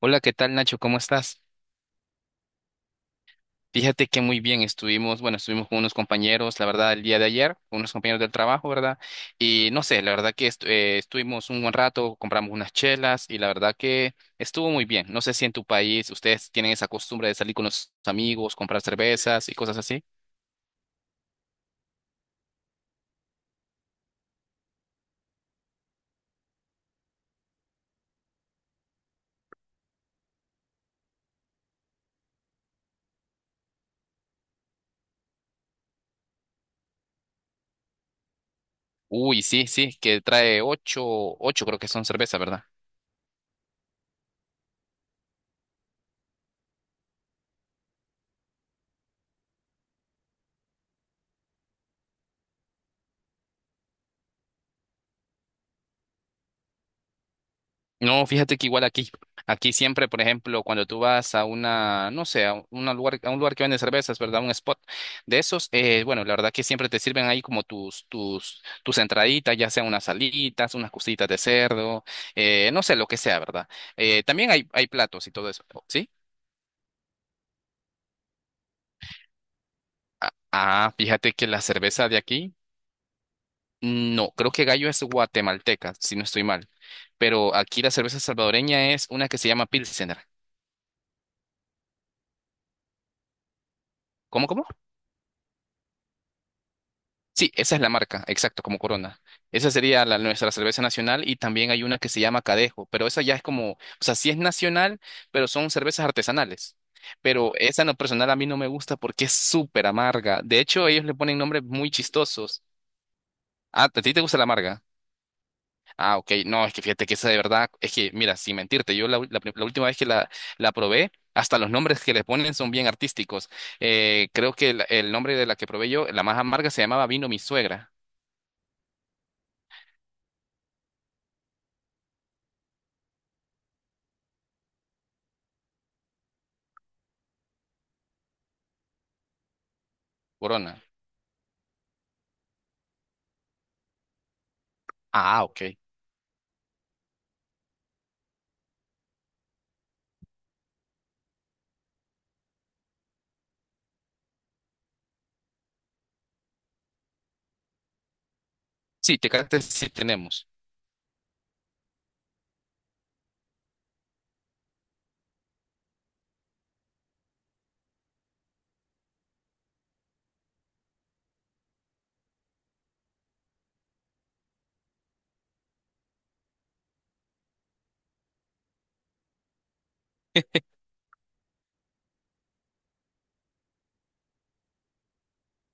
Hola, ¿qué tal, Nacho? ¿Cómo estás? Fíjate que muy bien estuvimos, bueno, estuvimos con unos compañeros, la verdad, el día de ayer, con unos compañeros del trabajo, ¿verdad? Y no sé, la verdad que estuvimos un buen rato, compramos unas chelas y la verdad que estuvo muy bien. No sé si en tu país ustedes tienen esa costumbre de salir con los amigos, comprar cervezas y cosas así. Uy, sí, sí, que trae ocho, ocho creo que son cervezas, ¿verdad? No, fíjate que igual aquí, aquí siempre, por ejemplo, cuando tú vas a una, no sé, a un lugar que vende cervezas, ¿verdad? Un spot de esos, bueno, la verdad que siempre te sirven ahí como tus, entraditas, ya sea unas salitas, unas cositas de cerdo, no sé, lo que sea, ¿verdad? También hay platos y todo eso, ¿sí? Ah, fíjate que la cerveza de aquí, no, creo que Gallo es guatemalteca, si no estoy mal, pero aquí la cerveza salvadoreña es una que se llama Pilsener. ¿Cómo, cómo? Sí, esa es la marca, exacto, como Corona. Esa sería nuestra cerveza nacional, y también hay una que se llama Cadejo, pero esa ya es como, o sea, sí es nacional, pero son cervezas artesanales. Pero esa en lo personal a mí no me gusta porque es súper amarga. De hecho, ellos le ponen nombres muy chistosos. Ah, ¿a ti te gusta la amarga? Ah, ok, no, es que fíjate que esa de verdad, es que, mira, sin mentirte, yo la última vez que la probé, hasta los nombres que le ponen son bien artísticos. Creo que el nombre de la que probé yo, la más amarga, se llamaba Vino Mi Suegra. Corona. Ah, ok. Sí, Tecates sí tenemos.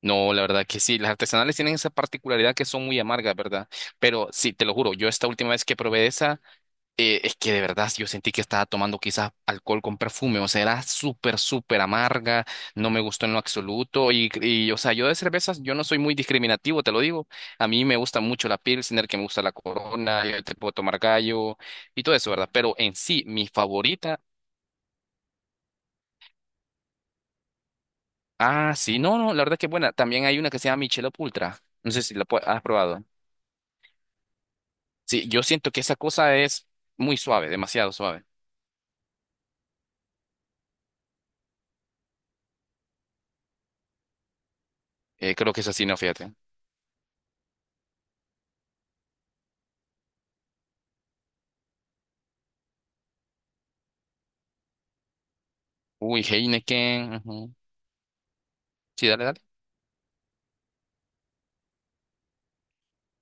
No, la verdad que sí, las artesanales tienen esa particularidad que son muy amargas, ¿verdad? Pero sí, te lo juro, yo esta última vez que probé esa, es que de verdad yo sentí que estaba tomando quizás alcohol con perfume, o sea, era súper, súper amarga, no me gustó en lo absoluto y, o sea, yo de cervezas, yo no soy muy discriminativo, te lo digo, a mí me gusta mucho la Pilsner, que me gusta la Corona, yo te puedo tomar Gallo y todo eso, ¿verdad? Pero en sí, mi favorita. Ah, sí, no, no, la verdad que es buena. También hay una que se llama Michelob Ultra. No sé si la has probado. Sí, yo siento que esa cosa es muy suave, demasiado suave. Creo que es así, no, fíjate. Uy, Heineken. Ujú. Sí, dale, dale.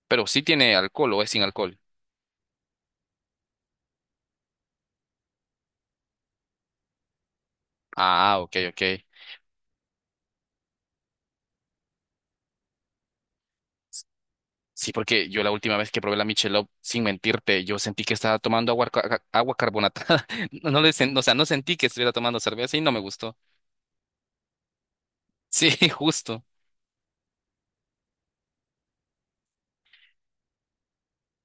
¿Pero sí tiene alcohol o es sin alcohol? Ah, ok, ok. Sí, porque yo la última vez que probé la Michelob, sin mentirte, yo sentí que estaba tomando agua, agua carbonatada. No, o sea, no sentí que estuviera tomando cerveza y no me gustó. Sí, justo.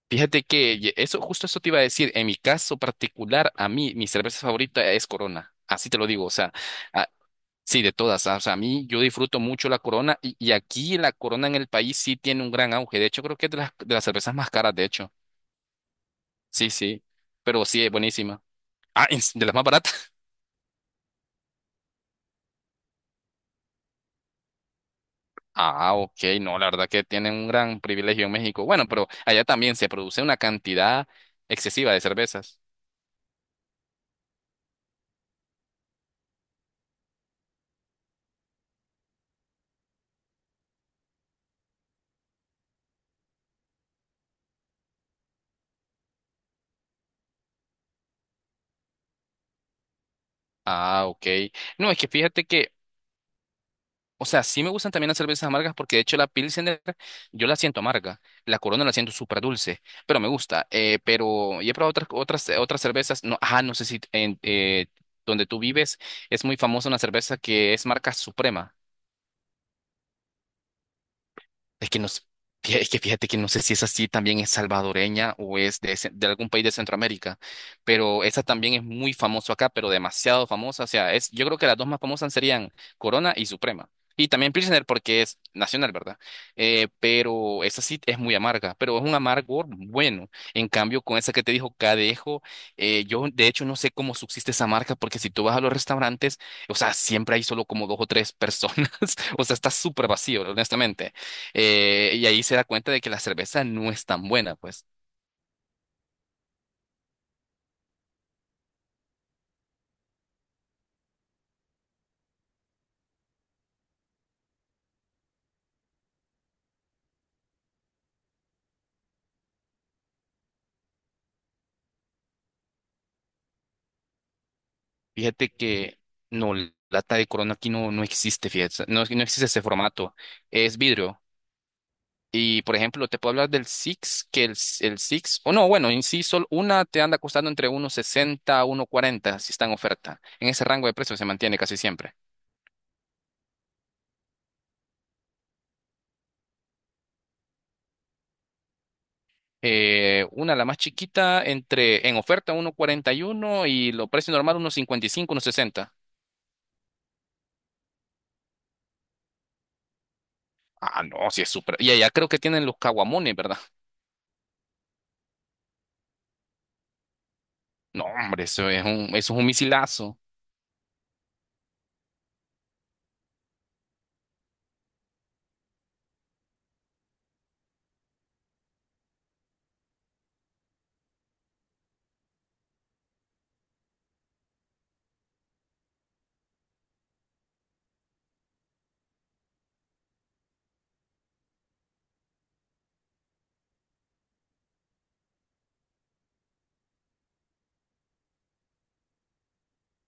Fíjate que eso, justo eso te iba a decir. En mi caso particular, mi cerveza favorita es Corona. Así te lo digo. O sea, ah, sí, de todas. Ah, o sea, a mí yo disfruto mucho la Corona y aquí la Corona en el país sí tiene un gran auge. De hecho, creo que es de las, cervezas más caras, de hecho. Sí, sí. Pero sí, es buenísima. Ah, ¿es de las más baratas? Ah, ok. No, la verdad que tienen un gran privilegio en México. Bueno, pero allá también se produce una cantidad excesiva de cervezas. Ah, ok. No, es que fíjate que o sea, sí me gustan también las cervezas amargas porque de hecho la Pilsener yo la siento amarga, la Corona la siento súper dulce, pero me gusta. Pero y he probado otras cervezas, no, ajá, no sé si en, donde tú vives es muy famosa una cerveza que es marca Suprema. Es que no sé, es que fíjate que no sé si es así también es salvadoreña o es de algún país de Centroamérica, pero esa también es muy famosa acá, pero demasiado famosa. O sea, es, yo creo que las dos más famosas serían Corona y Suprema. Y también Pilsner porque es nacional, ¿verdad? Pero esa sí es muy amarga, pero es un amargor bueno. En cambio, con esa que te dijo Cadejo, yo de hecho no sé cómo subsiste esa marca, porque si tú vas a los restaurantes, o sea, siempre hay solo como dos o tres personas, o sea, está súper vacío, honestamente. Y ahí se da cuenta de que la cerveza no es tan buena, pues. Fíjate que no, lata de Corona aquí no, no existe, fíjate, no, no existe ese formato, es vidrio. Y por ejemplo, te puedo hablar del Six, que el Six, o no, bueno, en sí, solo una te anda costando entre uno sesenta a uno cuarenta si está en oferta. En ese rango de precios se mantiene casi siempre. Una, la más chiquita, entre en oferta uno cuarenta y uno, y lo precio normal uno cincuenta y cinco, uno sesenta. Ah, no, sí es súper. Y allá creo que tienen los caguamones, ¿verdad? No, hombre, eso es un misilazo.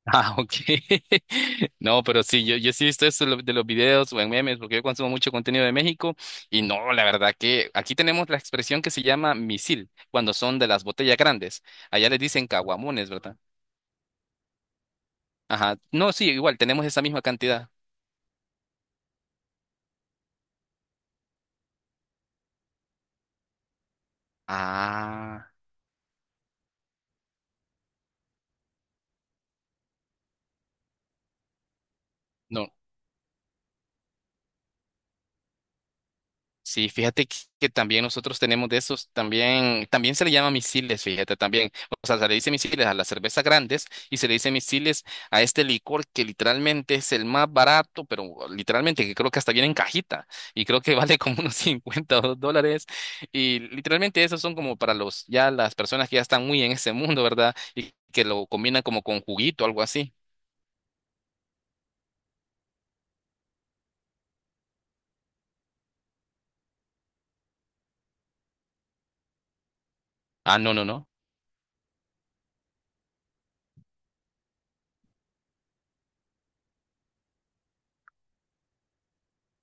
Ah, ok. No, pero sí, yo sí he visto eso de los videos o en memes, porque yo consumo mucho contenido de México, y no, la verdad que aquí tenemos la expresión que se llama misil, cuando son de las botellas grandes. Allá les dicen caguamones, ¿verdad? Ajá. No, sí, igual, tenemos esa misma cantidad. Ah, no. Sí, fíjate que también nosotros tenemos de esos, también, también se le llama misiles, fíjate, también. O sea, se le dice misiles a las cervezas grandes, y se le dice misiles a este licor que literalmente es el más barato, pero literalmente que creo que hasta viene en cajita, y creo que vale como unos 50 o $2. Y literalmente esos son como para los, ya, las personas que ya están muy en ese mundo, ¿verdad? Y que lo combinan como con juguito o algo así. Ah, no, no, no.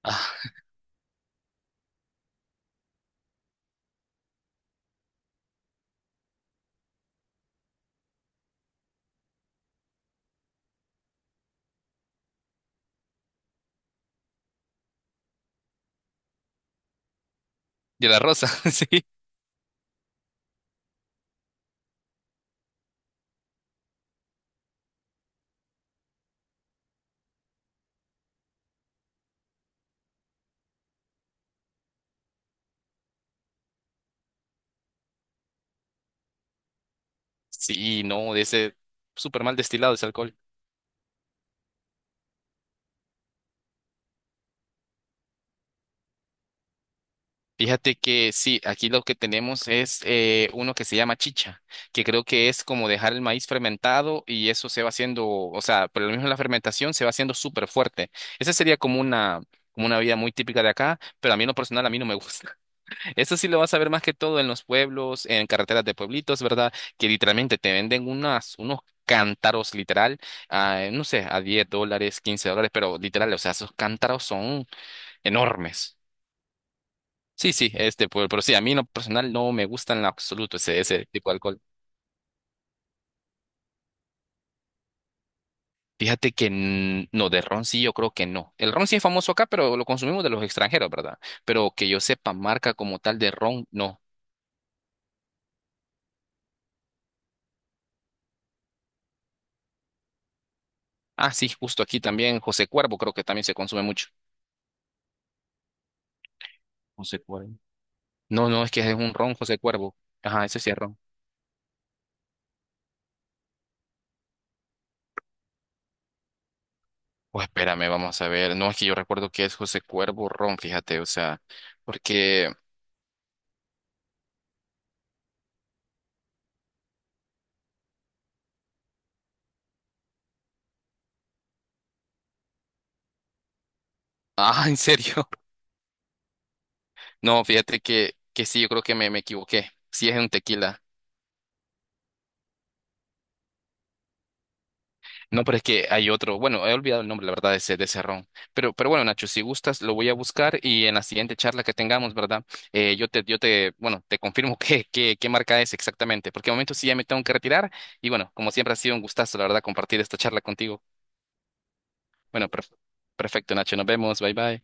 Ah, de la rosa, sí. Sí, no, de ese súper mal destilado ese alcohol. Fíjate que sí, aquí lo que tenemos es uno que se llama chicha, que creo que es como dejar el maíz fermentado, y eso se va haciendo, o sea, por lo mismo la fermentación se va haciendo súper fuerte. Esa sería como una vida muy típica de acá, pero a mí en lo personal a mí no me gusta. Eso sí lo vas a ver más que todo en los pueblos, en carreteras de pueblitos, ¿verdad? Que literalmente te venden unas, unos cántaros literal, a, no sé, a $10, $15, pero literal, o sea, esos cántaros son enormes. Sí, sí, este, pero sí, a mí en lo personal no me gusta en lo absoluto ese, ese tipo de alcohol. Fíjate que no, de ron sí yo creo que no. El ron sí es famoso acá, pero lo consumimos de los extranjeros, ¿verdad? Pero que yo sepa, marca como tal de ron, no. Ah, sí, justo aquí también José Cuervo creo que también se consume mucho. José Cuervo. No, no, es que es un ron José Cuervo. Ajá, ese sí es ron. Pues espérame, vamos a ver. No, es que yo recuerdo que es José Cuervo ron, fíjate, o sea, porque… Ah, ¿en serio? No, fíjate que sí, yo creo que me equivoqué. Sí es un tequila. No, pero es que hay otro, bueno, he olvidado el nombre, la verdad, de ese ron. Pero bueno, Nacho, si gustas, lo voy a buscar y en la siguiente charla que tengamos, ¿verdad? Yo te, yo te, bueno, te confirmo qué, qué, qué marca es exactamente, porque de momento sí ya me tengo que retirar, y bueno, como siempre ha sido un gustazo, la verdad, compartir esta charla contigo. Bueno, perfecto, Nacho, nos vemos, bye bye.